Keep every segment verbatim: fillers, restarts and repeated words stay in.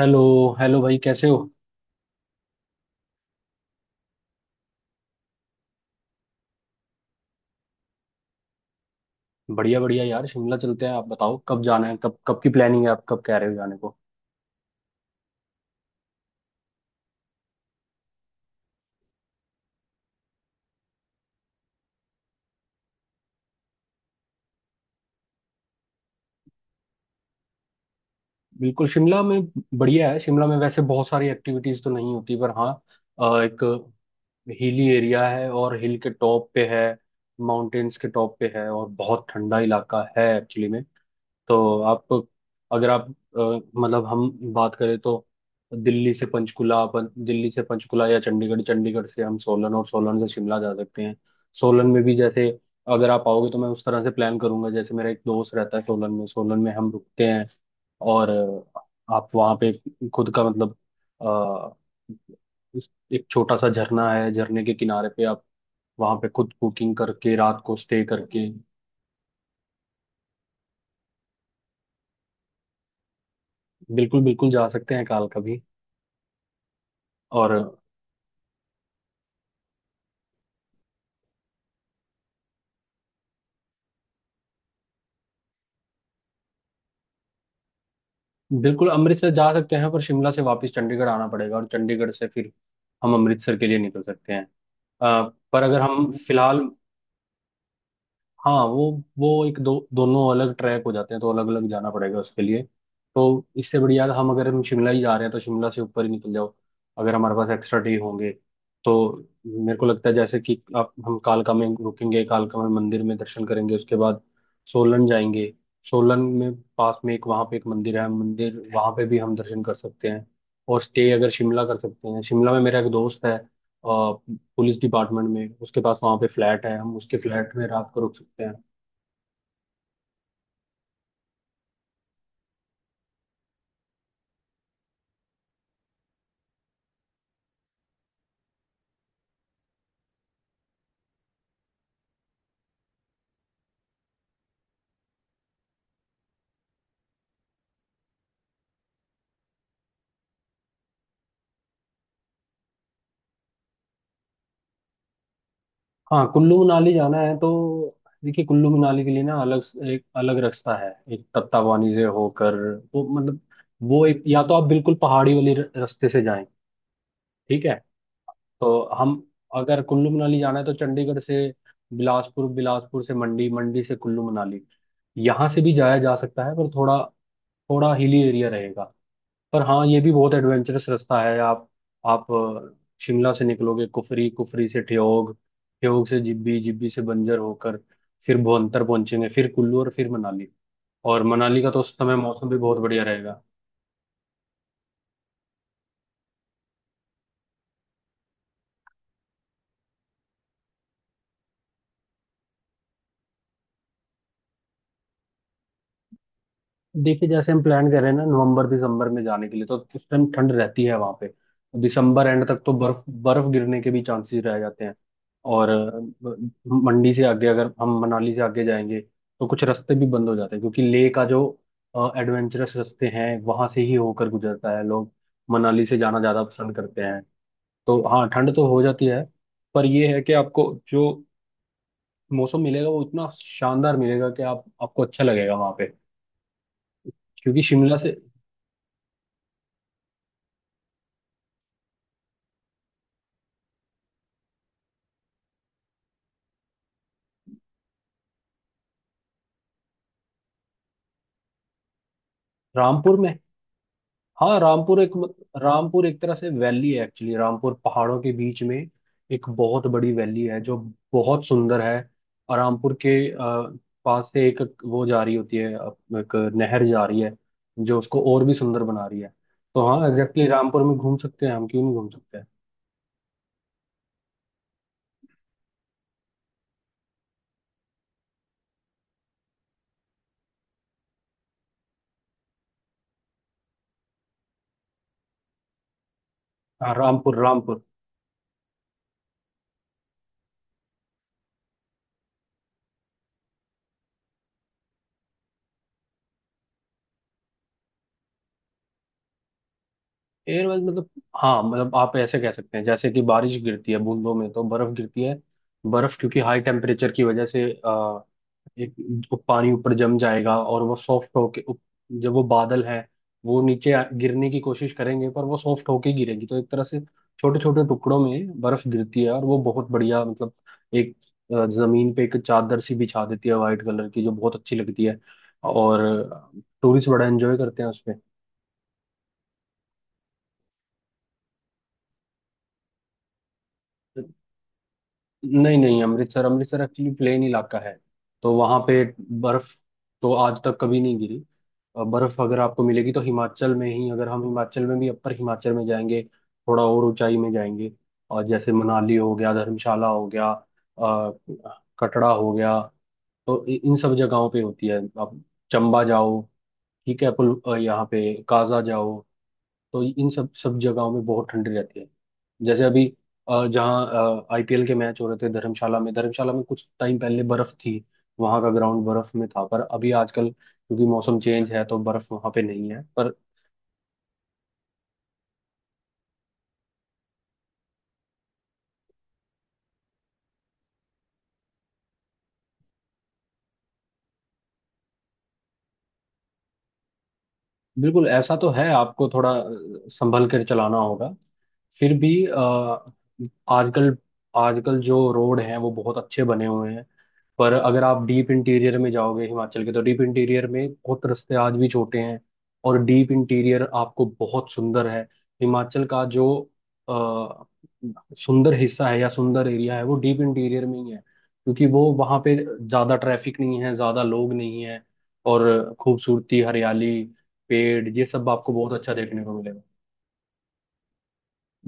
Hello. Hello भाई, कैसे हो? बढ़िया बढ़िया यार, शिमला चलते हैं। आप बताओ कब जाना है, कब कब की प्लानिंग है? आप कब कह रहे हो जाने को? बिल्कुल शिमला में। बढ़िया है शिमला में, वैसे बहुत सारी एक्टिविटीज तो नहीं होती, पर हाँ अ, एक हिली एरिया है और हिल के टॉप पे है। माउंटेन्स के टॉप पे है और बहुत ठंडा इलाका है एक्चुअली में। तो आप अगर आप अ, मतलब हम बात करें तो दिल्ली से पंचकुला, अपन दिल्ली से पंचकुला या चंडीगढ़, चंडीगढ़ से हम सोलन और सोलन से शिमला जा सकते हैं। सोलन में भी जैसे अगर आप आओगे तो मैं उस तरह से प्लान करूंगा। जैसे मेरा एक दोस्त रहता है सोलन में, सोलन में हम रुकते हैं। और अ, आप वहाँ पे खुद का मतलब अ, उस- एक छोटा सा झरना है, झरने के किनारे पे आप वहाँ पे खुद कुकिंग करके रात को स्टे करके। बिल्कुल बिल्कुल, जा सकते हैं काल का भी। और बिल्कुल अमृतसर जा सकते हैं, पर शिमला से वापस चंडीगढ़ आना पड़ेगा और चंडीगढ़ से फिर हम अमृतसर के लिए निकल सकते हैं। अ, पर अगर हम फिलहाल, हाँ वो वो एक दो दोनों अलग ट्रैक हो जाते हैं, तो अलग अलग जाना पड़ेगा उसके लिए। तो इससे बढ़िया हम अगर हम शिमला ही जा रहे हैं तो शिमला से ऊपर ही निकल जाओ। अगर हमारे पास एक्स्ट्रा डे होंगे तो मेरे को लगता है जैसे कि आप, हम कालका में रुकेंगे, कालका में मंदिर में दर्शन करेंगे, उसके बाद सोलन जाएंगे। सोलन में पास में एक वहाँ पे एक मंदिर है, मंदिर वहाँ पे भी हम दर्शन कर सकते हैं। और स्टे अगर शिमला कर सकते हैं, शिमला में मेरा एक दोस्त है पुलिस डिपार्टमेंट में, उसके पास वहाँ पे फ्लैट है, हम उसके फ्लैट में रात को रुक सकते हैं। हाँ कुल्लू मनाली जाना है तो देखिए कुल्लू मनाली के लिए ना अलग एक अलग रास्ता है, एक तत्तावानी से होकर। वो मतलब वो एक, या तो आप बिल्कुल पहाड़ी वाले र- रास्ते से जाएं। ठीक है, तो हम अगर कुल्लू मनाली जाना है तो चंडीगढ़ से बिलासपुर, बिलासपुर से मंडी, मंडी से कुल्लू मनाली। यहाँ से भी जाया जा सकता है, पर थोड़ा थोड़ा हिली एरिया रहेगा। पर हाँ, ये भी बहुत एडवेंचरस रास्ता है। आप आप अ, शिमला से निकलोगे कुफरी, कुफरी से ठियोग, ठियोग से जिब्बी, जिब्बी से बंजर होकर फिर भुवंतर पहुंचेंगे, फिर कुल्लू और फिर मनाली। और मनाली का तो उस समय मौसम भी बहुत बढ़िया रहेगा। देखिए जैसे हम प्लान कर रहे हैं ना नवंबर दिसंबर में जाने के लिए, तो उस टाइम ठंड रहती है वहां पे। दिसंबर एंड तक तो बर्फ बर्फ गिरने के भी चांसेस रह जाते हैं। और अ, मंडी से आगे अगर हम मनाली से आगे जाएंगे तो कुछ रास्ते भी बंद हो जाते हैं, क्योंकि लेह का जो एडवेंचरस रास्ते हैं वहां से ही होकर गुजरता है। लोग मनाली से जाना ज्यादा पसंद करते हैं। तो हाँ, ठंड तो हो जाती है, पर ये है कि आपको जो मौसम मिलेगा वो इतना शानदार मिलेगा कि आप आपको अच्छा लगेगा वहां पे, क्योंकि शिमला से। रामपुर में, हाँ रामपुर एक, रामपुर एक तरह से वैली है एक्चुअली। रामपुर पहाड़ों के बीच में एक बहुत बड़ी वैली है, जो बहुत सुंदर है। और रामपुर के अ, पास से एक वो जा रही होती है, अ, एक नहर जा रही है, जो उसको और भी सुंदर बना रही है। तो हाँ, एग्जैक्टली रामपुर में घूम सकते हैं हम, क्यों नहीं घूम सकते हैं। हाँ रामपुर रामपुर। एयरवेल मतलब, हाँ मतलब आप ऐसे कह सकते हैं जैसे कि बारिश गिरती है बूंदों में, तो बर्फ गिरती है। बर्फ क्योंकि हाई टेम्परेचर की वजह से आ, एक, वो पानी ऊपर जम जाएगा और वो सॉफ्ट होके उप- जब वो बादल है, वो नीचे आ- गिरने की कोशिश करेंगे, पर वो सॉफ्ट होके गिरेगी तो एक तरह से छोटे छोटे टुकड़ों में बर्फ गिरती है। और वो बहुत बढ़िया मतलब एक, अ, जमीन पे एक चादर सी बिछा देती है वाइट कलर की, जो बहुत अच्छी लगती है। और टूरिस्ट बड़ा एंजॉय करते हैं उसपे। नहीं नहीं, अमृतसर, अमृतसर एक्चुअली प्लेन इलाका है, तो वहां पे बर्फ तो आज तक कभी नहीं गिरी। अ, बर्फ अगर आपको मिलेगी तो हिमाचल में ही, अगर हम हिमाचल में भी अपर हिमाचल में जाएंगे, थोड़ा और ऊंचाई में जाएंगे। और जैसे मनाली हो गया, धर्मशाला हो गया, अ, कटरा हो गया, तो इ- इन सब जगहों पे होती है। आप चंबा जाओ, ठीक है, पुल अ, यहाँ पे, काजा जाओ, तो इन सब सब जगहों में बहुत ठंडी रहती है। जैसे अभी अ, जहाँ आई पी एल के मैच हो रहे थे धर्मशाला में, धर्मशाला में कुछ टाइम पहले बर्फ थी, वहां का ग्राउंड बर्फ में था। पर अभी आजकल क्योंकि मौसम चेंज है तो बर्फ वहां पे नहीं है, पर बिल्कुल ऐसा तो है, आपको थोड़ा अ, संभल कर चलाना होगा। फिर भी अ, आजकल, आजकल जो रोड हैं वो बहुत अच्छे बने हुए हैं। पर अगर आप डीप इंटीरियर में जाओगे हिमाचल के, तो डीप इंटीरियर में बहुत रास्ते आज भी छोटे हैं। और डीप इंटीरियर आपको बहुत सुंदर है, हिमाचल का जो आ, सुंदर हिस्सा है या सुंदर एरिया है वो डीप इंटीरियर में ही है, क्योंकि वो वहाँ पे ज़्यादा ट्रैफिक नहीं है, ज़्यादा लोग नहीं है। और खूबसूरती, हरियाली, पेड़, ये सब आपको बहुत अच्छा देखने को मिलेगा।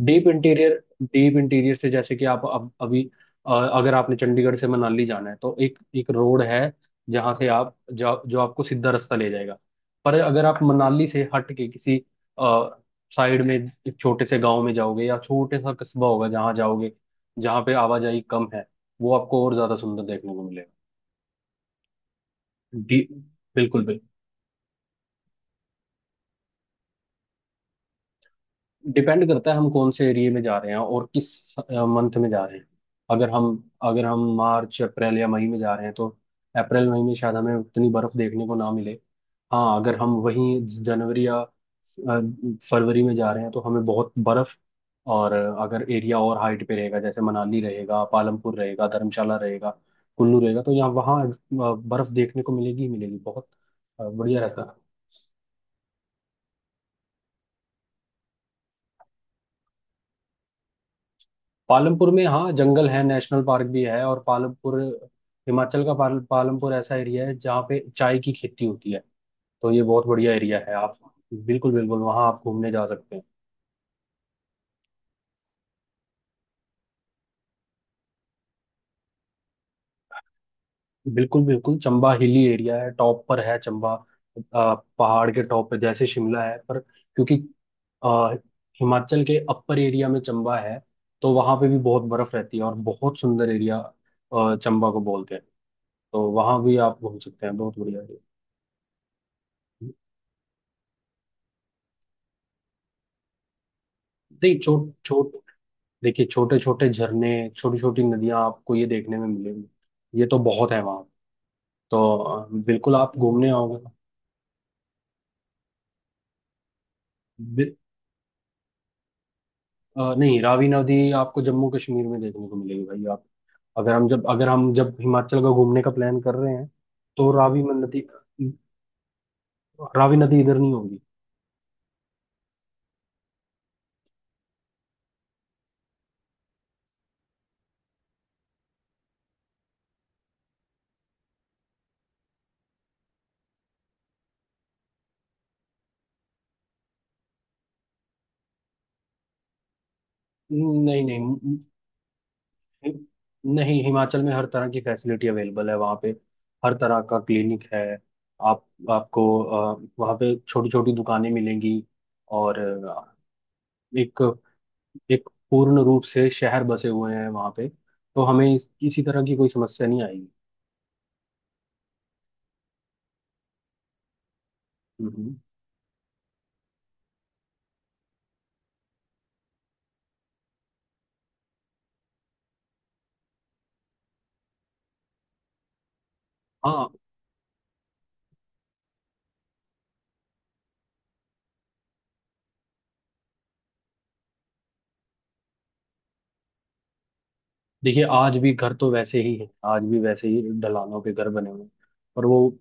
डीप इंटीरियर, डीप इंटीरियर से जैसे कि आप अब अभी अ, अगर आपने चंडीगढ़ से मनाली जाना है तो एक एक रोड है जहां से आप, जो जो आपको सीधा रास्ता ले जाएगा। पर अगर आप मनाली से हट के किसी साइड में एक छोटे से गांव में जाओगे, या छोटे सा कस्बा होगा जहां जाओगे, जहां पे आवाजाही कम है, वो आपको और ज्यादा सुंदर देखने को मिलेगा। डी बिल्कुल बिल्कुल, डिपेंड करता है हम कौन से एरिया में जा रहे हैं और किस मंथ में जा रहे हैं। अगर हम अगर हम मार्च अप्रैल या मई में जा रहे हैं तो अप्रैल मई में शायद हमें उतनी बर्फ देखने को ना मिले। हाँ, अगर हम वहीं जनवरी या अ, फरवरी में जा रहे हैं तो हमें बहुत बर्फ। और अ, अगर एरिया और हाइट पे रहेगा, जैसे मनाली रहेगा, पालमपुर रहेगा, धर्मशाला रहेगा, कुल्लू रहेगा, तो यहाँ वहाँ अ, बर्फ देखने को मिलेगी ही मिलेगी बहुत। अ, बढ़िया रहता है पालमपुर में, हाँ जंगल है, नेशनल पार्क भी है। और पालमपुर, हिमाचल का पाल, पालमपुर ऐसा एरिया है जहाँ पे चाय की खेती होती है। तो ये बहुत बढ़िया एरिया है आप, बिल्कुल बिल्कुल वहाँ आप घूमने जा सकते हैं। बिल्कुल बिल्कुल, चंबा हिली एरिया है, टॉप पर है चंबा। आ, पहाड़ के टॉप पे, जैसे शिमला है, पर क्योंकि आ, हिमाचल के अपर एरिया में चंबा है, तो वहाँ पे भी बहुत बर्फ रहती है। और बहुत सुंदर एरिया चंबा को बोलते हैं। तो वहाँ भी आप घूम सकते हैं, बहुत बढ़िया एरिया। नहीं, छोट छोट देखिए छोटे छोटे झरने, छोटी छोटी नदियां आपको ये देखने में मिलेंगी, ये तो बहुत है वहाँ। तो अ, बिल्कुल आप घूमने आओगे तो। बि- अ, नहीं, रावी नदी आपको जम्मू कश्मीर में देखने को मिलेगी भाई। आप अगर हम जब, अगर हम जब हिमाचल का घूमने का प्लान कर रहे हैं तो रावी में नदी, रावी नदी इधर नहीं होगी। नहीं नहीं, हि- नहीं, हिमाचल में हर तरह की फैसिलिटी अवेलेबल है वहाँ पे, हर तरह का क्लिनिक है। आप, आपको अ, वहाँ पे छोटी छोटी दुकानें मिलेंगी। और अ, एक, एक पूर्ण रूप से शहर बसे हुए हैं वहाँ पे, तो हमें इस- किसी तरह की कोई समस्या नहीं आएगी। हम्म, हाँ, देखिए आज भी घर तो वैसे ही है, आज भी वैसे ही ढलानों के घर बने हुए हैं। पर वो,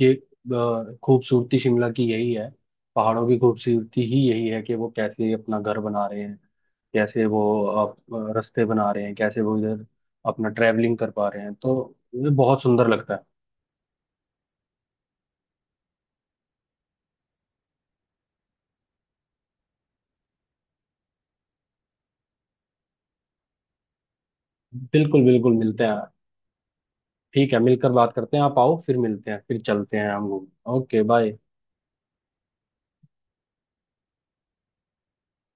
ये अ, खूबसूरती शिमला की यही है, पहाड़ों की खूबसूरती ही यही है कि वो कैसे अपना घर बना रहे हैं, कैसे वो अप- अ, रास्ते बना रहे हैं, कैसे वो इधर अपना ट्रैवलिंग कर पा रहे हैं। तो ये बहुत सुंदर लगता है। बिल्कुल बिल्कुल, मिलते हैं। ठीक है, मिलकर बात करते हैं। आप आओ, फिर मिलते हैं, फिर चलते हैं हम घूमने। Okay bye.